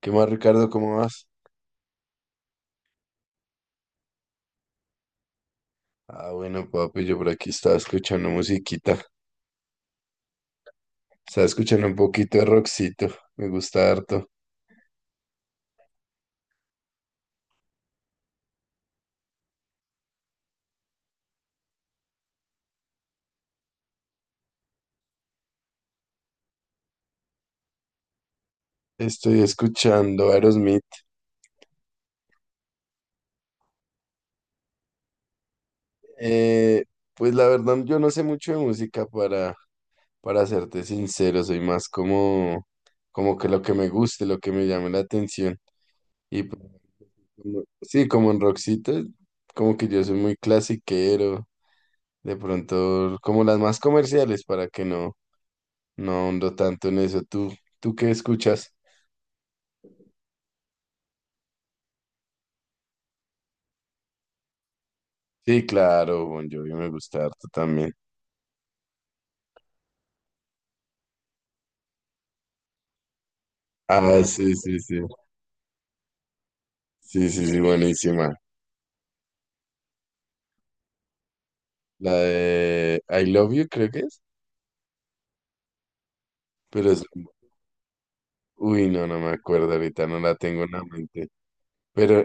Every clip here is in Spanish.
¿Qué más, Ricardo? ¿Cómo vas? Ah, bueno, papi, yo por aquí estaba escuchando musiquita. Estaba escuchando un poquito de rockcito. Me gusta harto. Estoy escuchando Aerosmith. Eh, pues la verdad, yo no sé mucho de música para serte sincero. Soy más como, como que lo que me guste, lo que me llame la atención. Y pues, Sí, como en Roxita, como que yo soy muy clasiquero, de pronto como las más comerciales para que no, no ahondo tanto en eso. ¿Tú qué escuchas? Sí, claro, Bon Jovi me gusta harto también. Ah, sí, sí, sí, sí, sí, sí, buenísima. La de I Love You creo que es, pero es, uy, no, no me acuerdo ahorita, no la tengo en la mente. Pero,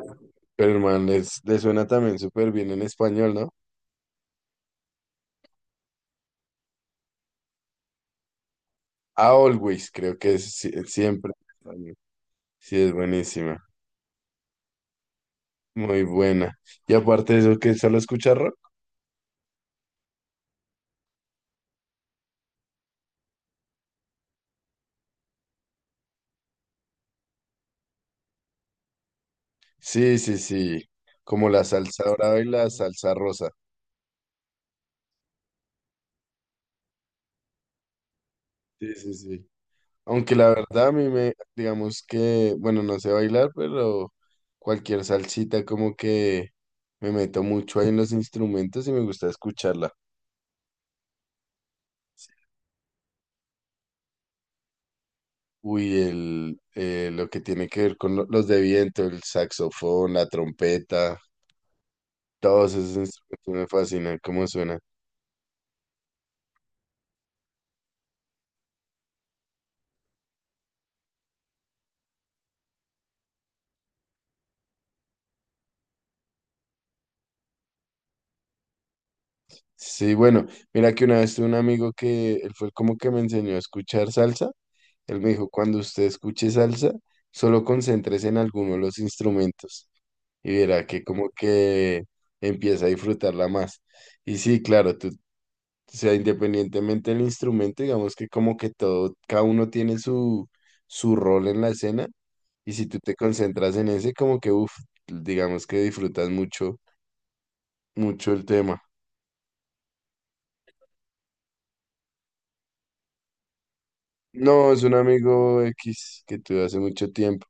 pero el man, les suena también súper bien en español, ¿no? A Always creo que es siempre. Sí, es buenísima, muy buena. Y aparte de eso, que solo escucha rock. Sí, sí, sí, como la salsa dorada y la salsa rosa. Sí, sí, sí. Aunque la verdad a mí me, digamos que, bueno, no sé bailar, pero cualquier salsita como que me meto mucho ahí en los instrumentos y me gusta escucharla. Uy, lo que tiene que ver con los de viento, el saxofón, la trompeta, todos esos instrumentos me fascinan, cómo suena. Sí, bueno, mira que una vez tuve un amigo que él fue como que me enseñó a escuchar salsa. Él me dijo, cuando usted escuche salsa, solo concéntrese en alguno de los instrumentos y verá que como que empieza a disfrutarla más. Y sí, claro, tú, o sea, independientemente del instrumento, digamos que como que todo, cada uno tiene su, su rol en la escena y si tú te concentras en ese, como que, uff, digamos que disfrutas mucho, mucho el tema. No, es un amigo X que tuve hace mucho tiempo.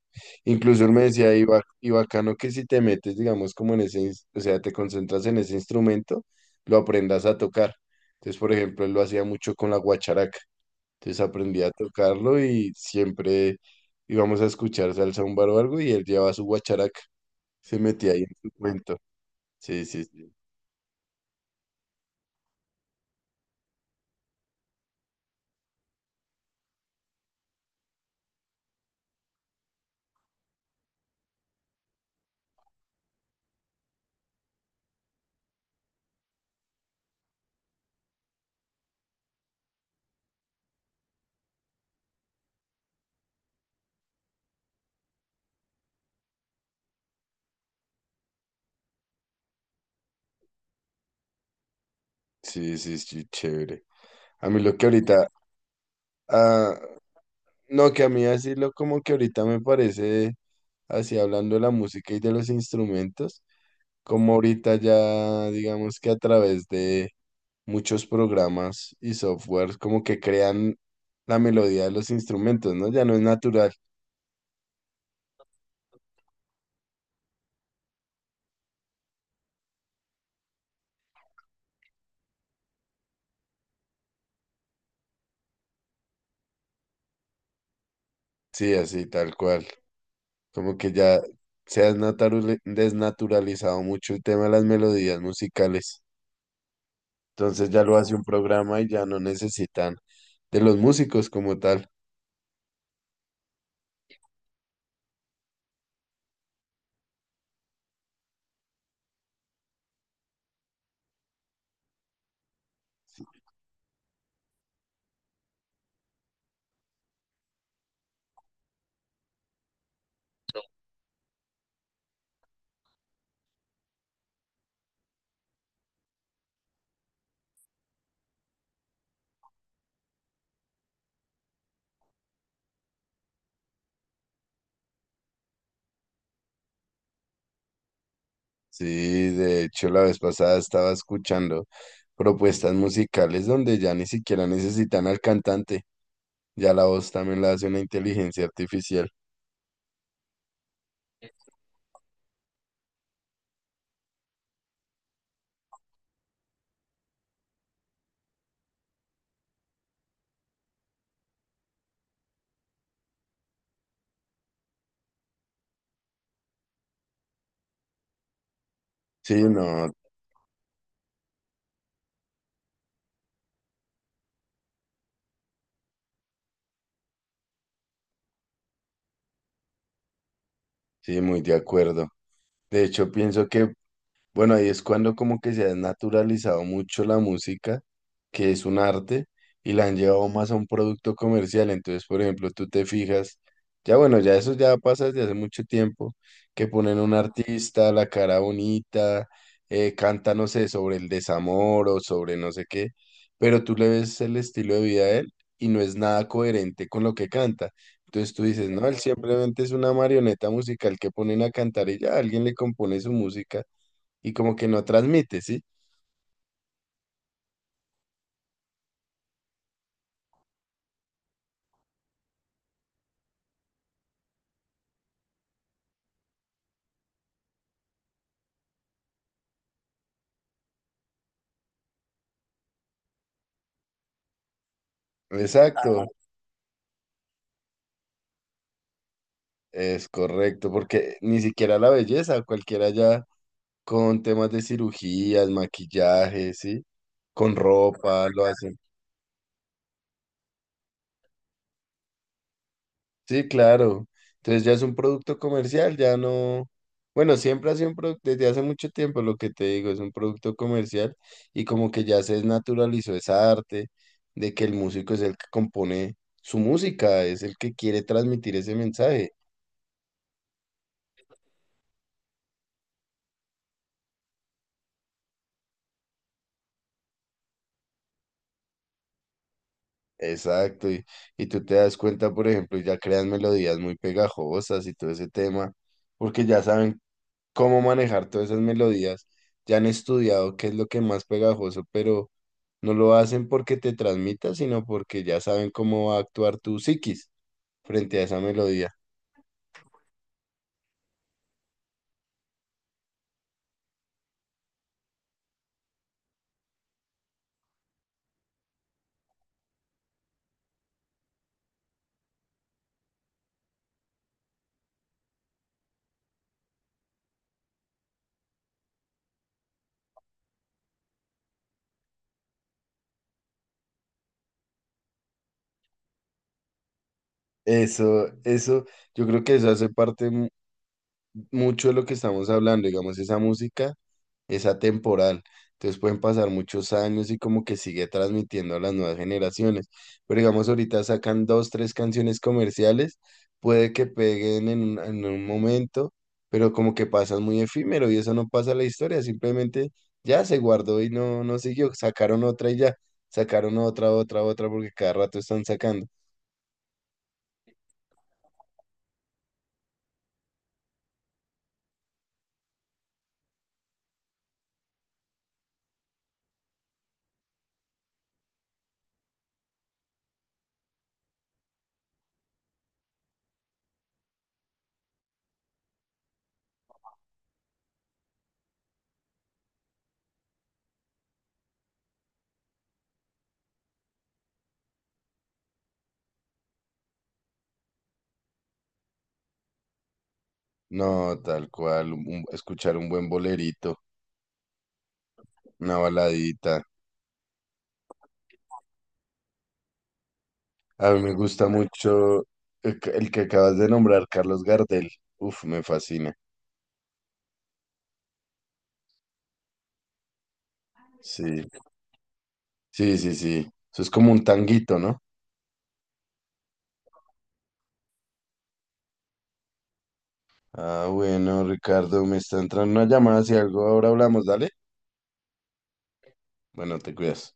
Incluso él me decía, y bacano que si te metes, digamos, como en ese, o sea, te concentras en ese instrumento, lo aprendas a tocar. Entonces, por ejemplo, él lo hacía mucho con la guacharaca. Entonces aprendí a tocarlo y siempre íbamos a escuchar salsa un bar o algo y él llevaba su guacharaca. Se metía ahí en su cuento. Sí, sí, sí. Sí, sí, sí, chévere. A mí lo que ahorita, ah, no, que a mí decirlo como que ahorita me parece, así hablando de la música y de los instrumentos, como ahorita ya digamos que a través de muchos programas y softwares como que crean la melodía de los instrumentos, ¿no? Ya no es natural. Sí, así, tal cual. Como que ya desnaturalizado mucho el tema de las melodías musicales. Entonces ya lo hace un programa y ya no necesitan de los músicos como tal. Sí, de hecho la vez pasada estaba escuchando propuestas musicales donde ya ni siquiera necesitan al cantante, ya la voz también la hace una inteligencia artificial. Sí, no, sí, muy de acuerdo. De hecho, pienso que bueno, ahí es cuando como que se ha naturalizado mucho la música, que es un arte, y la han llevado más a un producto comercial. Entonces, por ejemplo, tú te fijas, ya bueno, ya eso ya pasa desde hace mucho tiempo, que ponen un artista, la cara bonita, canta, no sé, sobre el desamor o sobre no sé qué, pero tú le ves el estilo de vida de él y no es nada coherente con lo que canta. Entonces tú dices, no, él simplemente es una marioneta musical que ponen a cantar y ya alguien le compone su música y como que no transmite, ¿sí? Exacto, es correcto, porque ni siquiera la belleza, cualquiera ya con temas de cirugías, maquillaje, ¿sí? Con ropa, lo hacen. Sí, claro. Entonces ya es un producto comercial, ya no... Bueno, siempre ha sido un producto, desde hace mucho tiempo lo que te digo, es un producto comercial y como que ya se desnaturalizó esa arte de que el músico es el que compone su música, es el que quiere transmitir ese mensaje. Exacto, y tú te das cuenta, por ejemplo, y ya crean melodías muy pegajosas y todo ese tema, porque ya saben cómo manejar todas esas melodías, ya han estudiado qué es lo que más pegajoso, pero no lo hacen porque te transmita, sino porque ya saben cómo va a actuar tu psiquis frente a esa melodía. Eso, yo creo que eso hace parte, mucho de lo que estamos hablando, digamos, esa música es atemporal. Entonces pueden pasar muchos años y como que sigue transmitiendo a las nuevas generaciones. Pero digamos, ahorita sacan dos, tres canciones comerciales, puede que peguen en en un momento, pero como que pasan muy efímero y eso no pasa a la historia, simplemente ya se guardó y no, no siguió. Sacaron otra y ya, sacaron otra, otra, otra, porque cada rato están sacando. No, tal cual, escuchar un buen bolerito, una baladita. A mí me gusta mucho el que acabas de nombrar, Carlos Gardel. Uf, me fascina. Sí, sí, sí, sí. Eso es como un tanguito, ¿no? Ah, bueno, Ricardo, me está entrando una llamada. Si algo ahora hablamos, dale. Bueno, te cuidas.